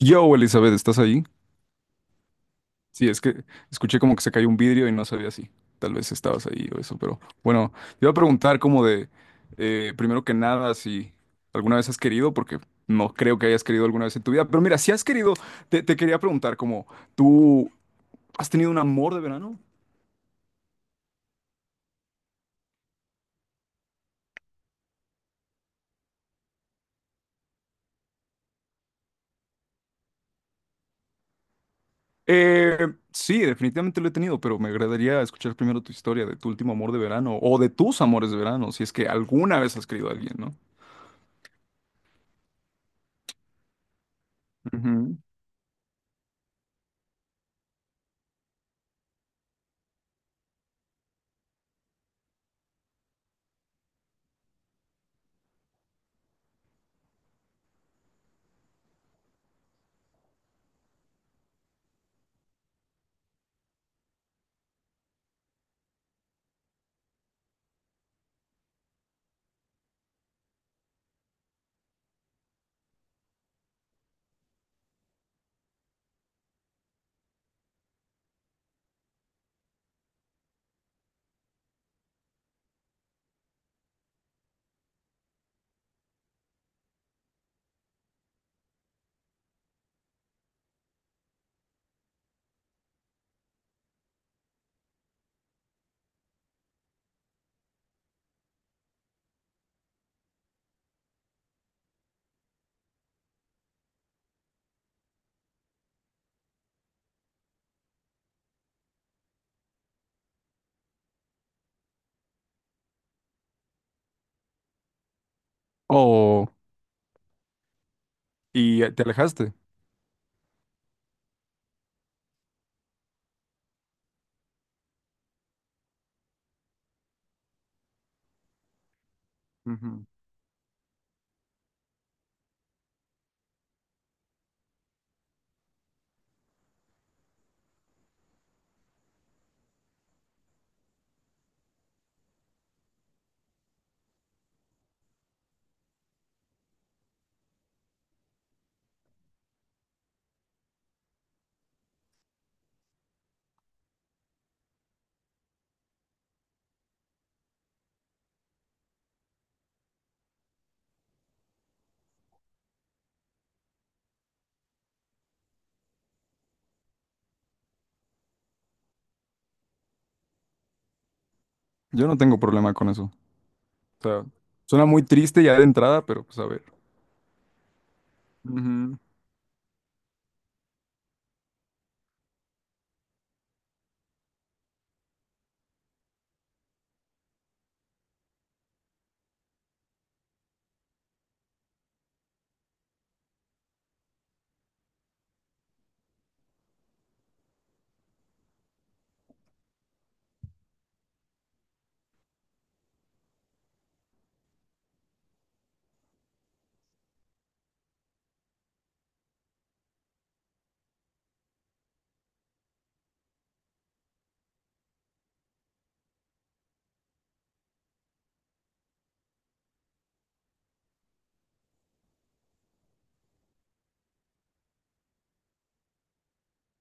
Yo, Elizabeth, ¿estás ahí? Sí, es que escuché como que se cayó un vidrio y no sabía si tal vez estabas ahí o eso, pero bueno, te iba a preguntar como de, primero que nada, si alguna vez has querido, porque no creo que hayas querido alguna vez en tu vida, pero mira, si has querido, te quería preguntar como, ¿tú has tenido un amor de verano? Eh, sí, definitivamente lo he tenido, pero me agradaría escuchar primero tu historia de tu último amor de verano o de tus amores de verano, si es que alguna vez has querido a alguien, ¿no? Ujú. O, y te alejaste. Ujú. Yo no tengo problema con eso. O sea, suena muy triste ya de entrada, pero pues a ver. Ujú.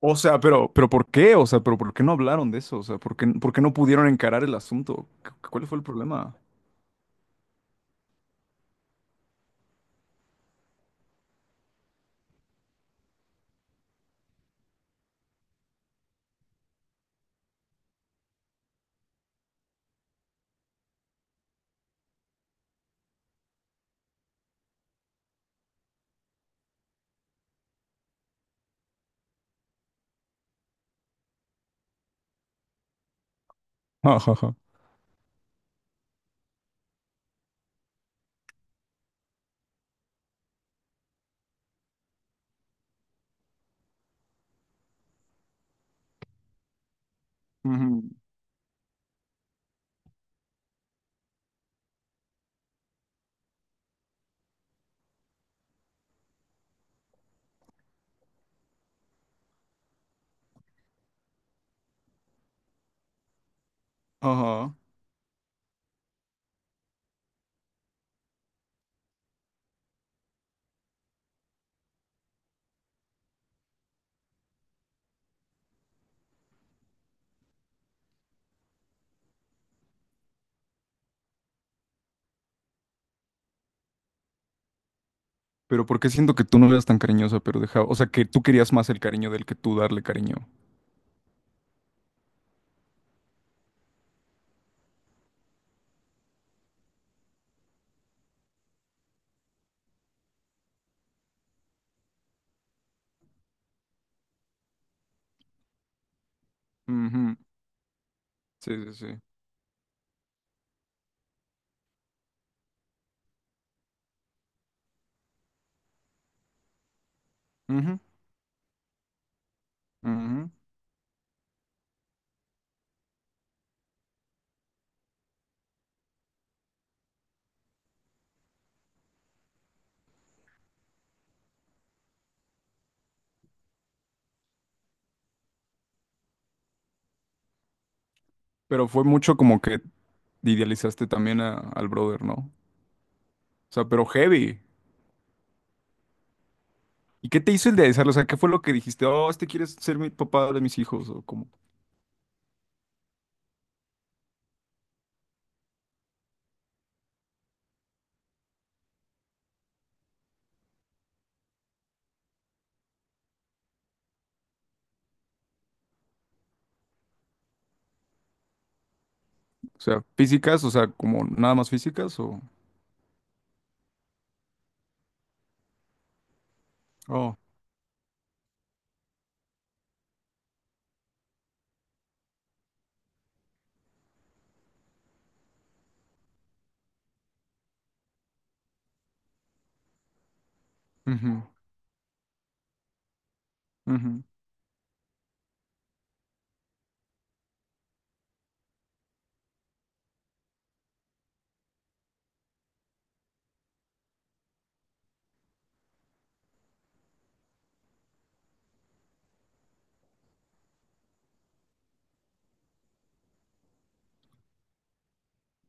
O sea, pero ¿por qué? O sea, pero ¿por qué no hablaron de eso? O sea, ¿por qué no pudieron encarar el asunto? ¿Cuál fue el problema? Ajá. Ujú. Ajá. Pero ¿por qué siento que tú no eras tan cariñosa, pero dejaba, o sea, que tú querías más el cariño del que tú darle cariño? Ujú. Sí, sí, sí. Ujú, ujú. Pero fue mucho como que idealizaste también al brother, ¿no? O sea, pero heavy. ¿Y qué te hizo el de desearlo, o sea, ¿qué fue lo que dijiste? Oh, este quiere ser mi papá de mis hijos, o como, o sea, físicas, o sea, como nada más físicas, o. Oh, ujú, ujú.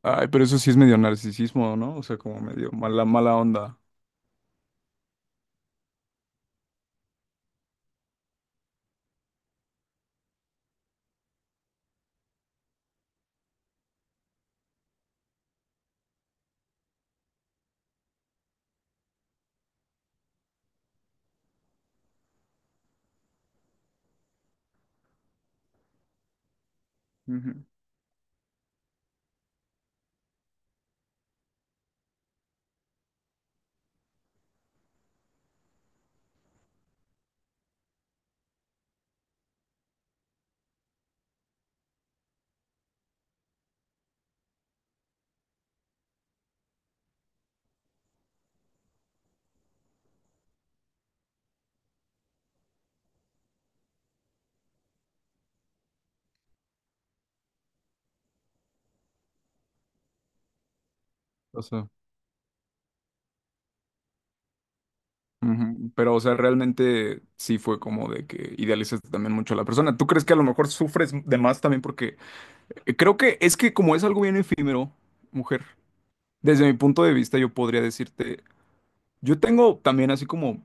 Ay, pero eso sí es medio narcisismo, ¿no? O sea, como medio mala, mala onda. Ujú. O sea, ujú. Pero, o sea, realmente sí fue como de que idealizaste también mucho a la persona. ¿Tú crees que a lo mejor sufres de más también? Porque creo que es que como es algo bien efímero, mujer, desde mi punto de vista yo podría decirte. Yo tengo también así como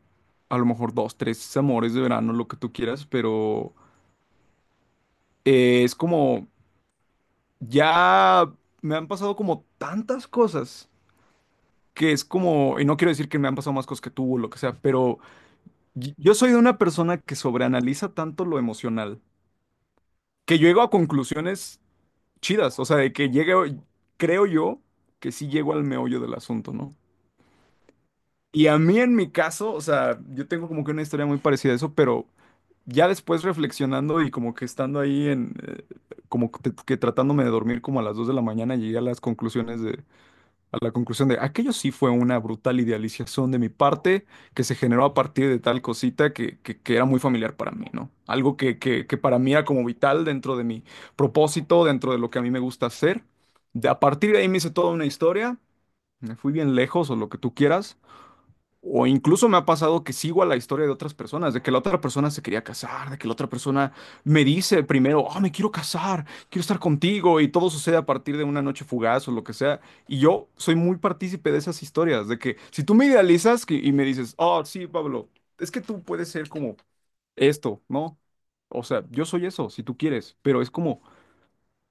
a lo mejor dos, tres amores de verano, lo que tú quieras, pero es como ya me han pasado como tantas cosas que es como, y no quiero decir que me han pasado más cosas que tú o lo que sea, pero yo soy de una persona que sobreanaliza tanto lo emocional, que llego a conclusiones chidas, o sea, de que llegue, creo yo que sí llego al meollo del asunto, ¿no? Y a mí en mi caso, o sea, yo tengo como que una historia muy parecida a eso, pero ya después reflexionando y como que estando ahí en, como que tratándome de dormir como a las 2 de la mañana, llegué a las conclusiones de, a la conclusión de, aquello sí fue una brutal idealización de mi parte que se generó a partir de tal cosita que era muy familiar para mí, ¿no? Algo que para mí era como vital dentro de mi propósito, dentro de lo que a mí me gusta hacer. A partir de ahí me hice toda una historia, me fui bien lejos o lo que tú quieras. O incluso me ha pasado que sigo a la historia de otras personas, de que la otra persona se quería casar, de que la otra persona me dice primero, oh, me quiero casar, quiero estar contigo, y todo sucede a partir de una noche fugaz o lo que sea. Y yo soy muy partícipe de esas historias, de que si tú me idealizas y me dices, oh, sí, Pablo, es que tú puedes ser como esto, ¿no? O sea, yo soy eso, si tú quieres, pero es como,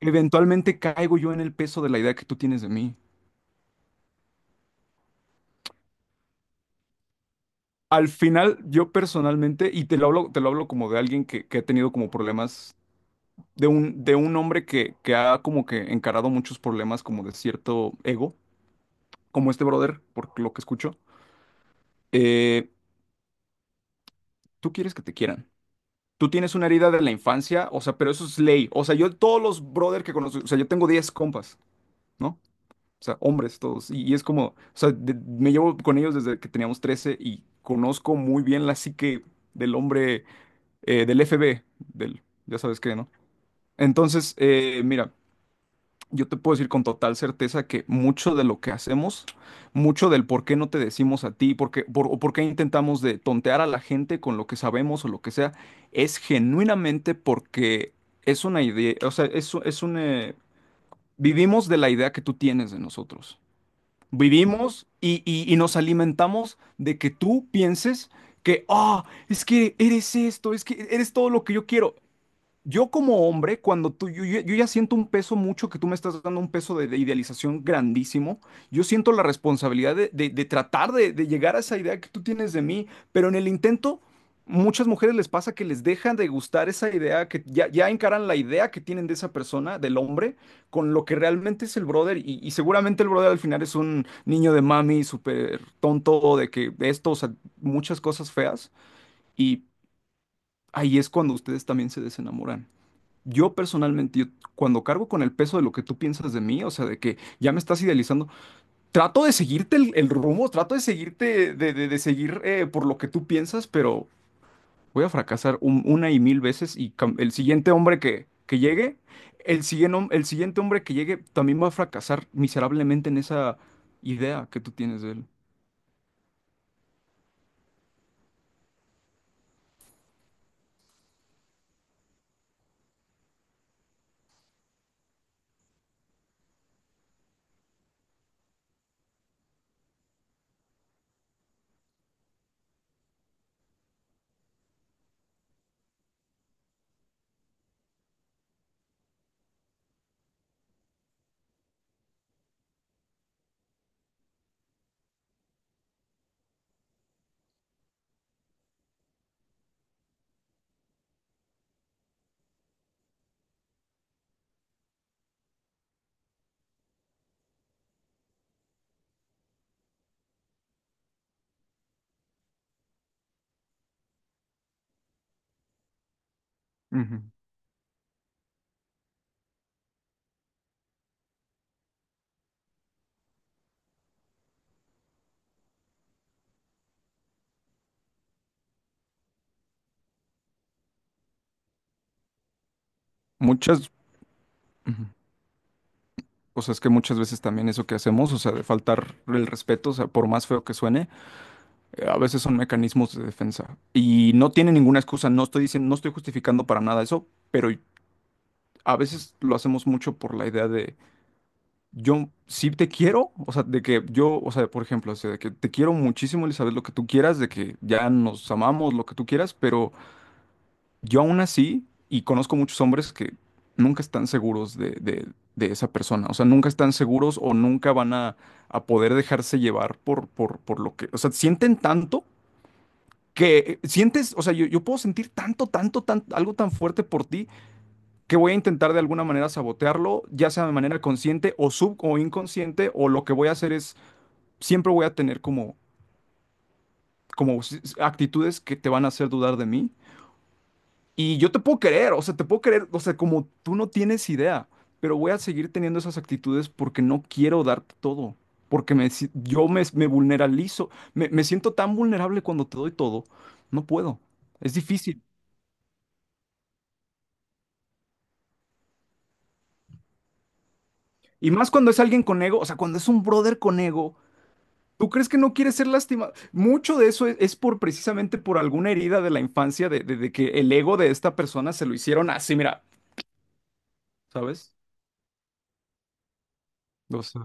eventualmente caigo yo en el peso de la idea que tú tienes de mí. Al final, yo personalmente, y te lo hablo como de alguien que ha tenido como problemas, de un hombre que ha como que encarado muchos problemas como de cierto ego, como este brother, por lo que escucho. Eh, Tú quieres que te quieran. Tú tienes una herida de la infancia, o sea, pero eso es ley. O sea, yo todos los brother que conozco, o sea, yo tengo 10 compas, ¿no? O sea, hombres todos. Y es como, o sea, me llevo con ellos desde que teníamos 13 y conozco muy bien la psique del hombre del FB del, ya sabes qué, ¿no? Entonces, mira, yo te puedo decir con total certeza que mucho de lo que hacemos, mucho del por qué no te decimos a ti, por qué intentamos de tontear a la gente con lo que sabemos o lo que sea, es genuinamente porque es una idea, o sea, es, u- es un... vivimos de la idea que tú tienes de nosotros. Vivimos y nos alimentamos de que tú pienses que, ah, es que eres esto, es que eres todo lo que yo quiero. Yo como hombre, cuando yo ya siento un peso mucho, que tú me estás dando un peso de idealización grandísimo, yo siento la responsabilidad de tratar de llegar a esa idea que tú tienes de mí, pero en el intento, muchas mujeres les pasa que les dejan de gustar esa idea, que ya encaran la idea que tienen de esa persona, del hombre, con lo que realmente es el brother, y seguramente el brother al final es un niño de mami súper tonto, de que esto, o sea, muchas cosas feas, y ahí es cuando ustedes también se desenamoran. Yo personalmente, yo cuando cargo con el peso de lo que tú piensas de mí, o sea, de que ya me estás idealizando, trato de seguirte el rumbo, trato de seguirte, de seguir por lo que tú piensas, pero voy a fracasar una y mil veces y el siguiente hombre que llegue, el siguiente hombre que llegue también va a fracasar miserablemente en esa idea que tú tienes de él. Ujú. Muchas, ujú. O sea, es que muchas veces también eso que hacemos, o sea, de faltar el respeto, o sea, por más feo que suene. A veces son mecanismos de defensa y no tiene ninguna excusa. No estoy diciendo, no estoy justificando para nada eso, pero a veces lo hacemos mucho por la idea de yo sí te quiero, o sea, de que yo, o sea, por ejemplo, o sea, de que te quiero muchísimo, Elizabeth, lo que tú quieras, de que ya nos amamos, lo que tú quieras, pero yo aún así, y conozco muchos hombres que nunca están seguros de esa persona, o sea, nunca están seguros o nunca van a poder dejarse llevar por lo que, o sea, sienten tanto. Que sientes, o sea, yo puedo sentir tanto, tanto, tanto algo tan fuerte por ti que voy a intentar de alguna manera sabotearlo, ya sea de manera consciente o sub o inconsciente, o lo que voy a hacer es, siempre voy a tener como, actitudes que te van a hacer dudar de mí. Y yo te puedo querer, o sea, te puedo querer, o sea, como tú no tienes idea, pero voy a seguir teniendo esas actitudes porque no quiero darte todo, porque me, si- yo me vulneralizo, me siento tan vulnerable cuando te doy todo, no puedo, es difícil. Y más cuando es alguien con ego, o sea, cuando es un brother con ego, ¿tú crees que no quiere ser lastimado? Mucho de eso es por precisamente por alguna herida de la infancia, de que el ego de esta persona se lo hicieron así, mira. ¿Ves? Los-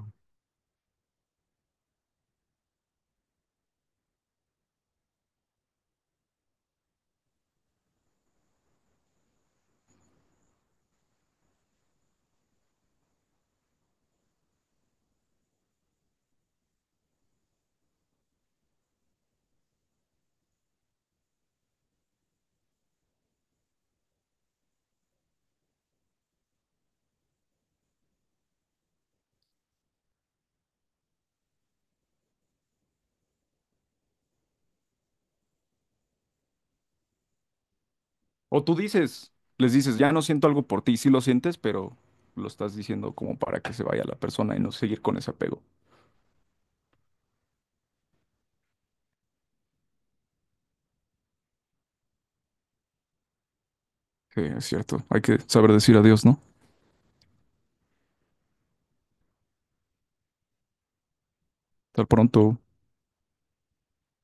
O tú dices, les dices, ya no siento algo por ti, sí lo sientes, pero lo estás diciendo como para que se vaya la persona y no seguir con ese apego. Sí, es cierto. Hay que saber decir adiós, ¿no? Hasta pronto.